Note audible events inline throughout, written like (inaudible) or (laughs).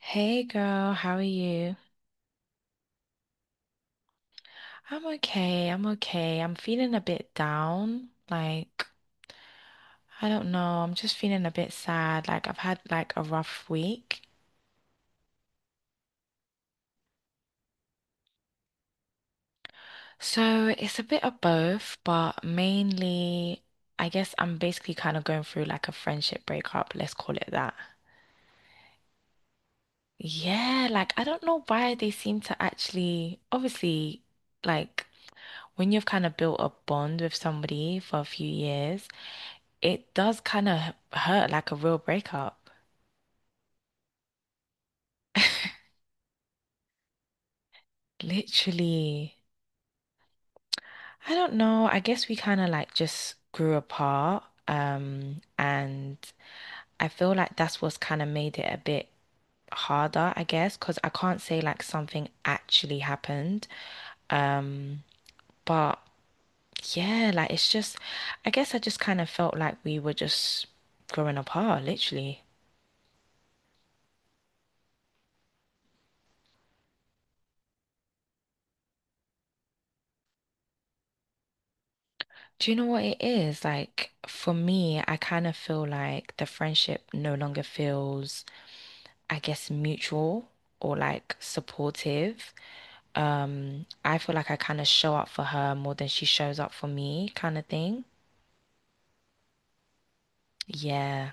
Hey girl, how are you? I'm okay, I'm okay. I'm feeling a bit down. Like, I don't know, I'm just feeling a bit sad. Like, I've had like a rough week. So it's a bit of both, but mainly, I guess I'm basically kind of going through like a friendship breakup, let's call it that. Yeah, like I don't know why they seem to actually, obviously, like when you've kind of built a bond with somebody for a few years. It does kind of hurt like a real breakup. Literally. I don't know. I guess we kind of like just grew apart. And I feel like that's what's kind of made it a bit harder, I guess, because I can't say like something actually happened. Um, but yeah, like it's just, I guess I just kind of felt like we were just growing apart, literally. Do you know what it is? Like for me, I kind of feel like the friendship no longer feels, I guess, mutual or like supportive. I feel like I kind of show up for her more than she shows up for me, kind of thing. Yeah,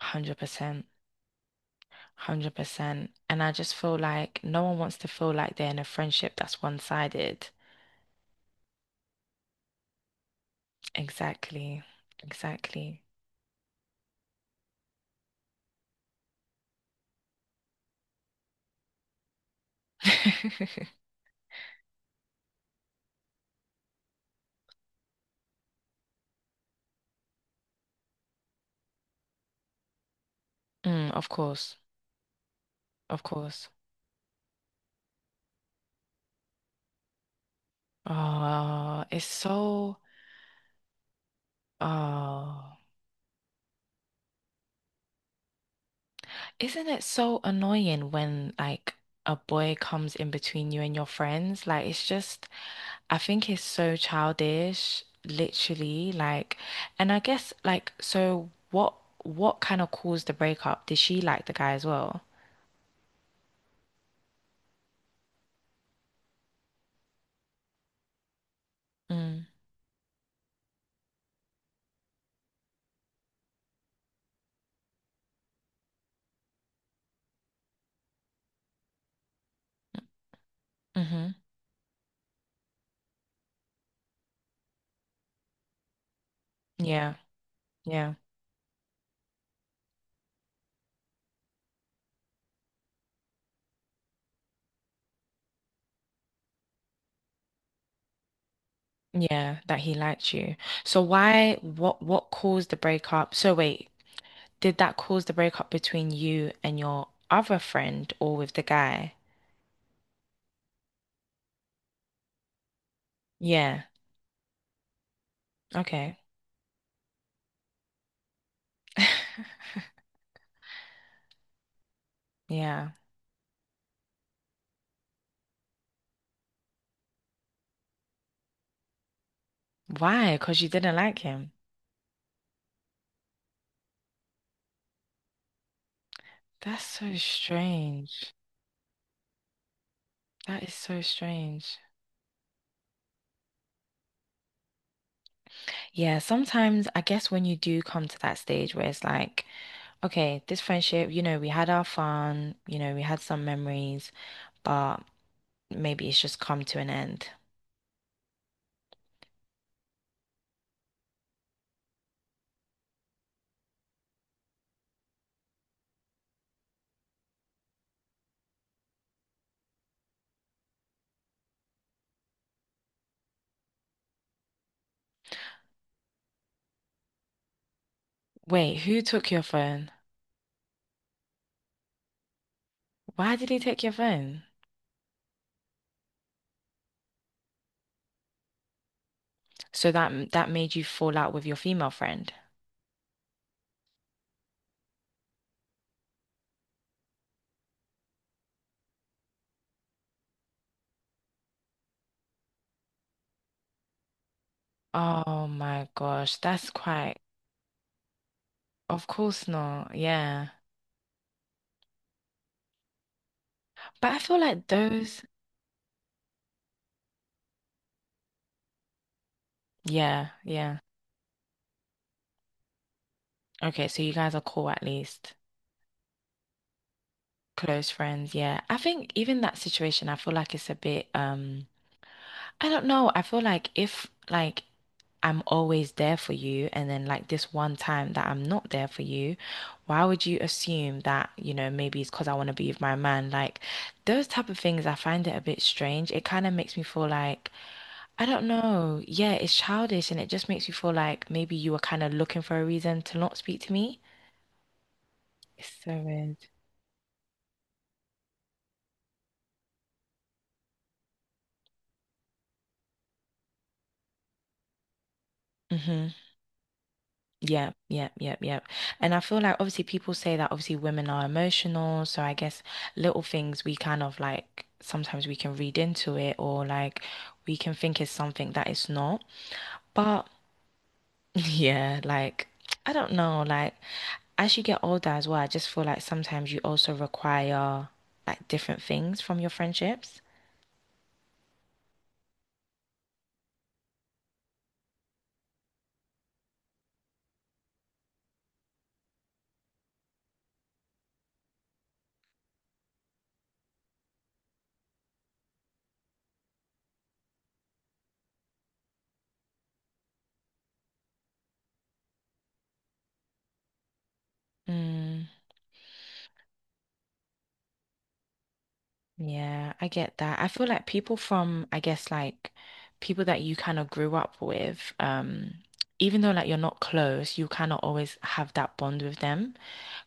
100%. 100%. And I just feel like no one wants to feel like they're in a friendship that's one-sided. Exactly. Exactly. (laughs) Mm, of course. Of course. Oh, it's so Oh, isn't it so annoying when like a boy comes in between you and your friends? Like it's just, I think it's so childish, literally. Like, and I guess like, so what kind of caused the breakup? Did she like the guy as well? Mm, mm-hmm. Yeah, yeah, yeah, that he liked you. So why, what caused the breakup? So wait, did that cause the breakup between you and your other friend or with the guy? Yeah. Okay. (laughs) Yeah. Why? Because you didn't like him. That's so strange. That is so strange. Yeah, sometimes I guess when you do come to that stage where it's like, okay, this friendship, you know, we had our fun, you know, we had some memories, but maybe it's just come to an end. Wait, who took your phone? Why did he take your phone? So that made you fall out with your female friend. Oh my gosh, that's quite, of course not. Yeah. But I feel like those, yeah, yeah. Okay, so you guys are cool at least. Close friends, yeah. I think even that situation, I feel like it's a bit, I don't know. I feel like if like I'm always there for you and then like this one time that I'm not there for you, why would you assume that, you know, maybe it's because I want to be with my man? Like those type of things, I find it a bit strange. It kind of makes me feel like I don't know. Yeah, it's childish and it just makes me feel like maybe you were kind of looking for a reason to not speak to me. Severed. Mm-hmm. Yeah. Yeah. Yeah. Yeah. And I feel like obviously people say that obviously women are emotional, so I guess little things we kind of like sometimes we can read into it or like we can think it's something that it's not. But (laughs) yeah, like I don't know, like as you get older as well, I just feel like sometimes you also require like different things from your friendships. Mm. Yeah, I get that. I feel like people from, I guess, like people that you kind of grew up with, even though like you're not close, you kind of always have that bond with them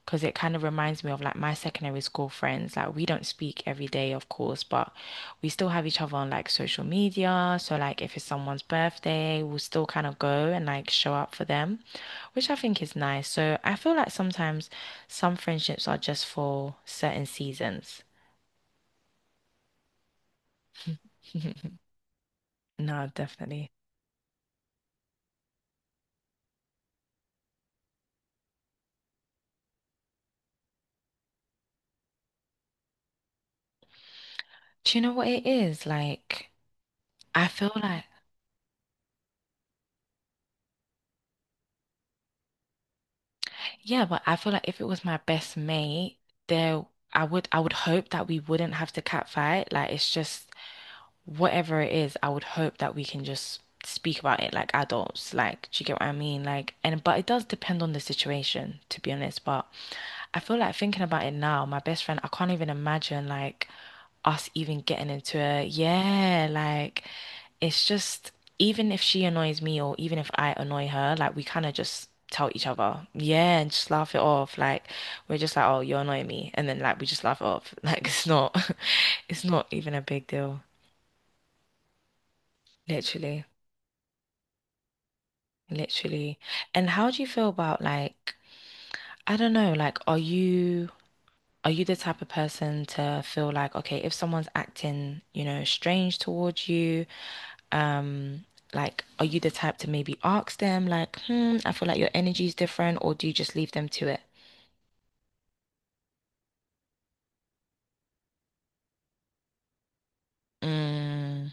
because it kind of reminds me of like my secondary school friends. Like we don't speak every day, of course, but we still have each other on like social media. So like if it's someone's birthday, we'll still kind of go and like show up for them, which I think is nice. So I feel like sometimes some friendships are just for certain seasons. (laughs) No, definitely. Do you know what it is? Like, I feel like, yeah, but I feel like if it was my best mate, there, I would hope that we wouldn't have to catfight. Like, it's just whatever it is, I would hope that we can just speak about it like adults. Like, do you get what I mean? Like, and but it does depend on the situation, to be honest. But I feel like thinking about it now, my best friend, I can't even imagine like us even getting into a yeah, like it's just even if she annoys me or even if I annoy her, like we kind of just tell each other, yeah, and just laugh it off. Like we're just like, oh, you're annoying me, and then like we just laugh it off. (laughs) Like it's not, (laughs) it's not even a big deal, literally. Literally. And how do you feel about like, I don't know, like are you the type of person to feel like, okay, if someone's acting, you know, strange towards you, um, like are you the type to maybe ask them like, hmm, I feel like your energy's different, or do you just leave them to it? Mm,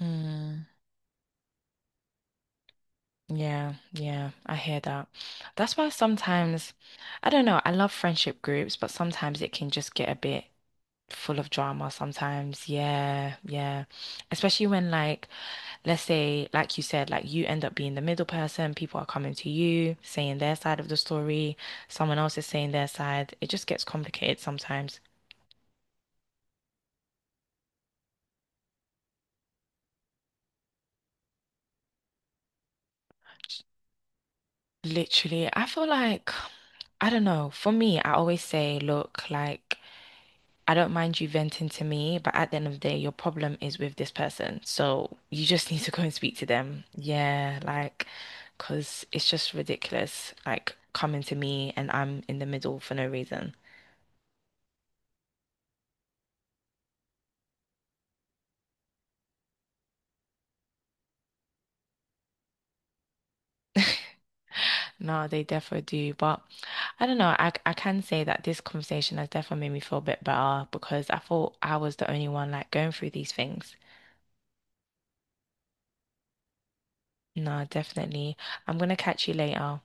mm, yeah, yeah, I hear that. That's why sometimes, I don't know, I love friendship groups, but sometimes it can just get a bit full of drama sometimes. Yeah, yeah. Especially when like let's say like you said like you end up being the middle person, people are coming to you saying their side of the story, someone else is saying their side. It just gets complicated sometimes. Literally, I feel like I don't know. For me, I always say look like I don't mind you venting to me, but at the end of the day, your problem is with this person. So you just need to go and speak to them. Yeah, like, because it's just ridiculous, like coming to me and I'm in the middle for no reason. (laughs) No, they definitely do. But I don't know. I can say that this conversation has definitely made me feel a bit better because I thought I was the only one like going through these things. No, definitely. I'm gonna catch you later.